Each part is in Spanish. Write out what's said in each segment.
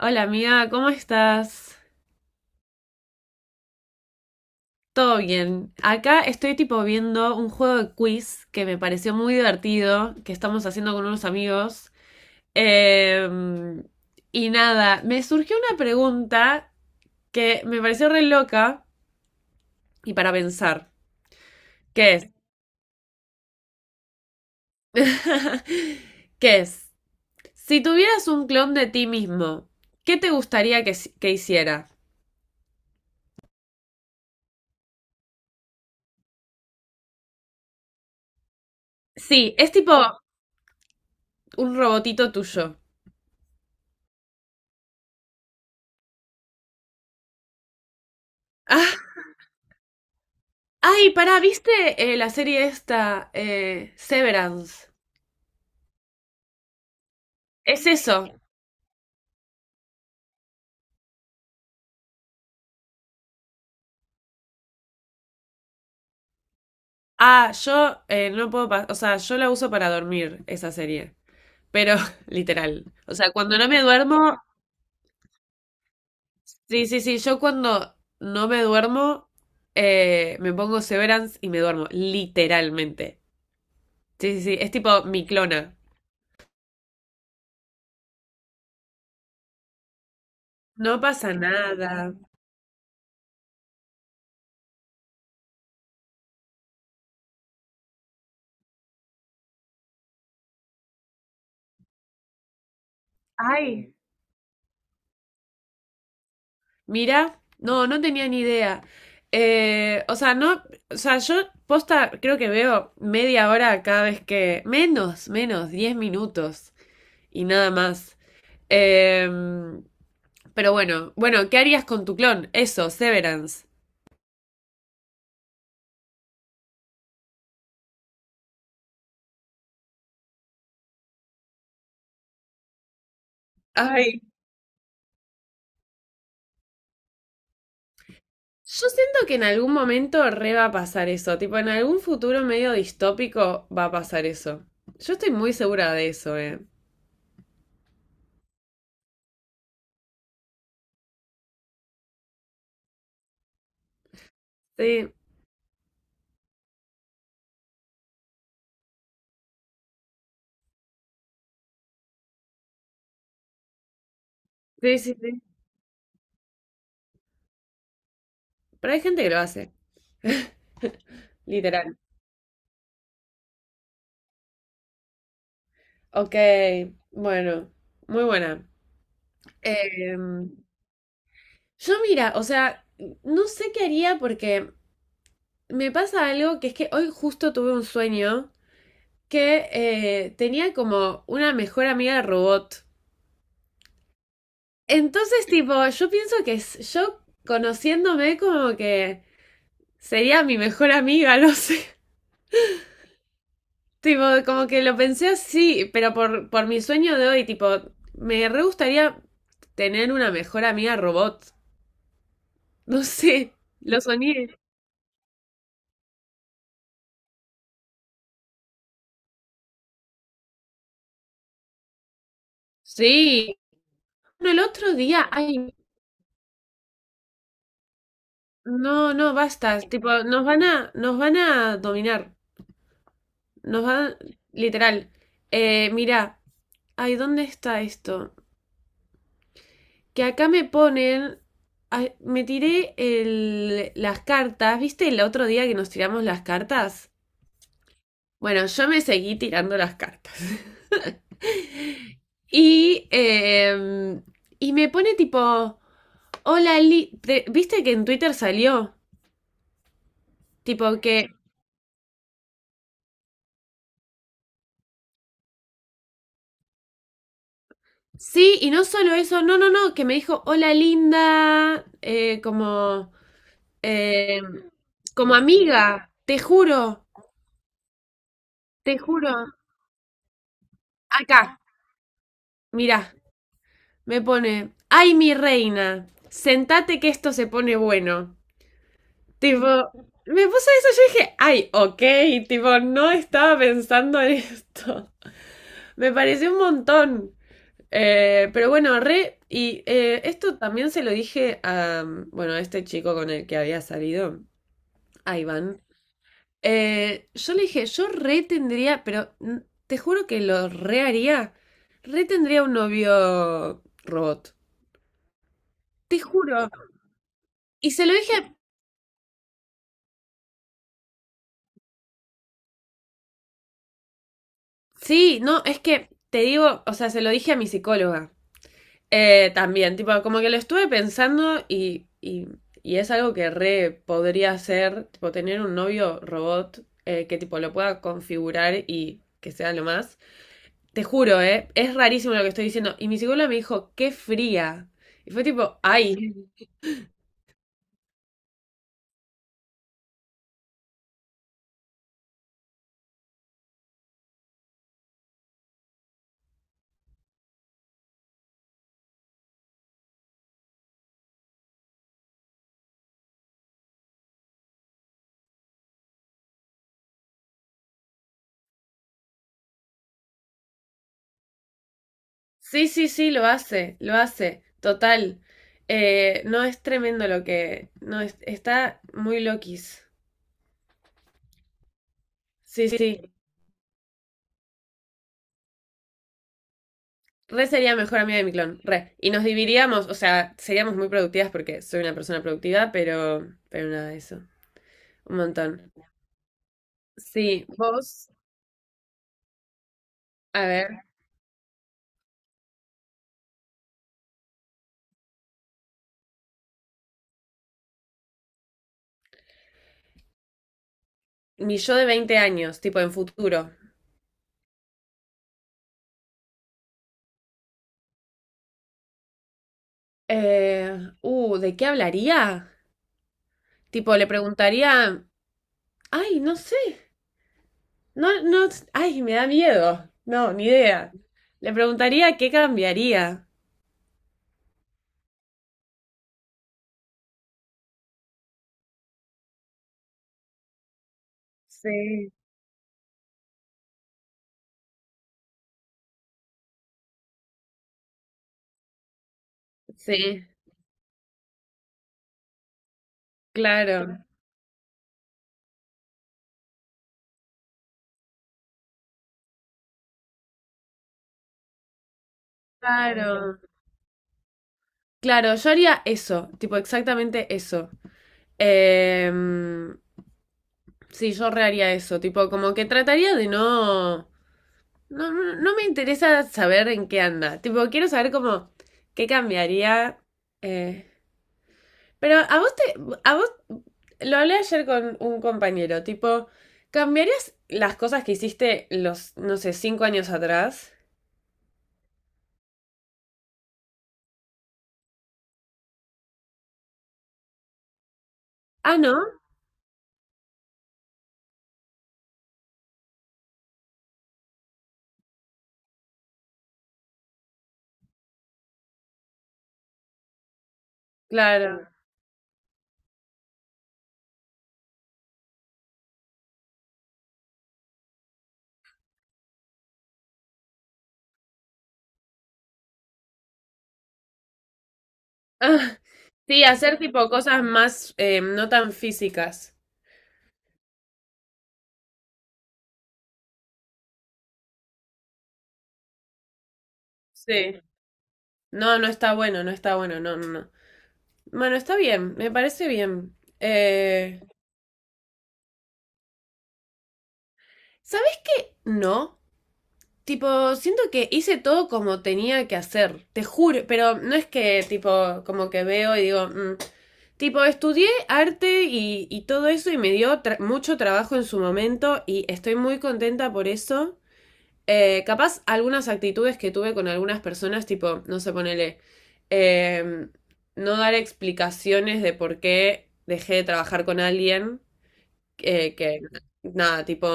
Hola amiga, ¿cómo estás? Todo bien. Acá estoy tipo viendo un juego de quiz que me pareció muy divertido, que estamos haciendo con unos amigos. Eh, y nada, me surgió una pregunta que me pareció re loca y para pensar. ¿Qué es? ¿Qué es? Si tuvieras un clon de ti mismo, ¿qué te gustaría que hiciera? Sí, es tipo un robotito tuyo. Ay, pará, ¿viste la serie esta, Severance? Es eso. Ah, yo no puedo pas- o sea, yo la uso para dormir, esa serie. Pero, literal. O sea, cuando no me duermo, sí, sí, sí, yo cuando no me duermo, me pongo Severance y me duermo, literalmente. Sí, sí, sí, es tipo mi clona. No pasa nada. Ay. Mira, no, no tenía ni idea. O sea, no, o sea, yo posta creo que veo media hora cada vez que, menos, menos, 10 minutos y nada más. Em, pero bueno, bueno, ¿qué harías con tu clon? Eso, Severance. Ay, yo siento que en algún momento re va a pasar eso, tipo en algún futuro medio distópico va a pasar eso. Yo estoy muy segura de eso, eh. Sí, sí, sí, sí. Pero hay gente que lo hace, literal. Ok, bueno, muy buena. Em, yo mira, o sea, no sé qué haría porque me pasa algo que es que hoy justo tuve un sueño que tenía como una mejor amiga robot. Entonces, tipo, yo pienso que s- yo conociéndome como que sería mi mejor amiga, no sé. Tipo, como que lo pensé así, pero por mi sueño de hoy, tipo, me re gustaría tener una mejor amiga robot. No sé, lo soñé. Sí. Bueno, el otro día, ay, no, no, basta. Tipo, nos van a dominar. Nos van, literal. Mirá, ay, ¿dónde está esto? Que acá me ponen, ay, me tiré las cartas. ¿Viste el otro día que nos tiramos las cartas? Bueno, yo me seguí tirando las cartas. Y, y me pone tipo, hola, Li- te- ¿viste que en Twitter salió? Tipo que, sí, y no solo eso, no, no, no, que me dijo, hola linda, como, eh, como amiga, te juro, te juro. Acá, mirá, me pone, ay mi reina, sentate que esto se pone bueno. Tipo, me puso eso, yo dije, ay, ok, tipo, no estaba pensando en esto. Me pareció un montón. Pero bueno, re, y esto también se lo dije a, bueno, a este chico con el que había salido, a Iván. Yo le dije, yo re tendría, pero mm, te juro que lo re haría, re tendría un novio robot. Te juro. Y se lo dije, sí, no, es que te digo, o sea, se lo dije a mi psicóloga. También, tipo, como que lo estuve pensando y es algo que re podría hacer, tipo, tener un novio robot que, tipo, lo pueda configurar y que sea lo más. Te juro, ¿eh? Es rarísimo lo que estoy diciendo. Y mi psicóloga me dijo, qué fría. Y fue tipo, ay, sí, sí, sí, lo hace, total. No es tremendo lo que... No, es- está muy loquis. Sí, sí. Re sería mejor amiga de mi clon, re. Y nos dividiríamos, o sea, seríamos muy productivas porque soy una persona productiva, pero nada de eso. Un montón. Sí, vos, a ver, mi yo de 20 años, tipo en futuro. ¿De qué hablaría? Tipo, le preguntaría, ay, no sé, no, no, ay, me da miedo. No, ni idea. Le preguntaría qué cambiaría. Sí, sí, claro, claro, claro. Yo haría eso, tipo exactamente eso. Em, sí, yo rearía eso, tipo, como que trataría de no, no, no me interesa saber en qué anda, tipo, quiero saber como qué cambiaría. Eh. Pero a vos te, a vos, lo hablé ayer con un compañero, tipo, ¿cambiarías las cosas que hiciste los, no sé, 5 años atrás? Ah, ¿no? Claro. Ah, sí, hacer tipo cosas más, no tan físicas. Sí. No, no está bueno, no está bueno, no, no, no. Bueno, está bien, me parece bien. Eh, ¿Sabes? No. Tipo, siento que hice todo como tenía que hacer, te juro, pero no es que tipo, como que veo y digo, "Mm". Tipo, estudié arte y todo eso y me dio tra- mucho trabajo en su momento y estoy muy contenta por eso. Capaz algunas actitudes que tuve con algunas personas, tipo, no sé, ponele, em, no dar explicaciones de por qué dejé de trabajar con alguien. Eh, que nada, tipo,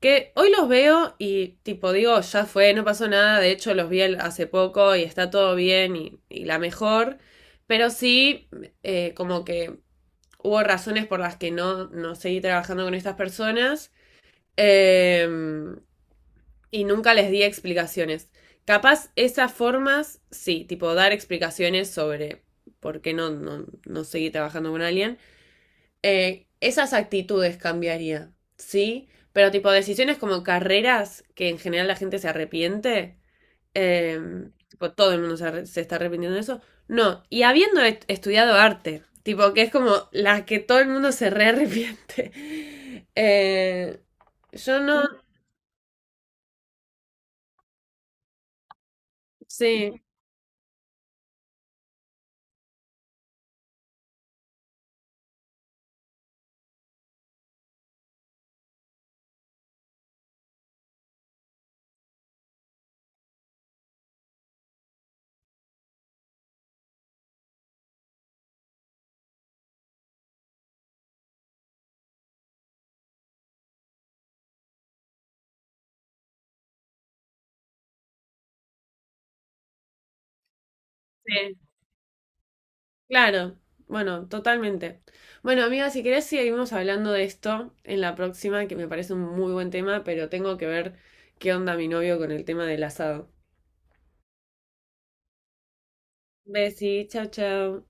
que hoy los veo y tipo digo, ya fue, no pasó nada, de hecho los vi el- hace poco y está todo bien y la mejor, pero sí, como que hubo razones por las que no, no seguí trabajando con estas personas, eh, y nunca les di explicaciones. Capaz esas formas, sí, tipo dar explicaciones sobre por qué no seguí trabajando con alguien. Esas actitudes cambiaría, ¿sí? Pero tipo decisiones como carreras, que en general la gente se arrepiente, eh, tipo todo el mundo se, arre- se está arrepintiendo de eso, no. Y habiendo est- estudiado arte, tipo que es como la que todo el mundo se re arrepiente. Eh, yo no, sí, sí. Claro, bueno, totalmente. Bueno, amiga, si querés seguimos hablando de esto en la próxima, que me parece un muy buen tema, pero tengo que ver qué onda mi novio con el tema del asado. Besí, chao, chao.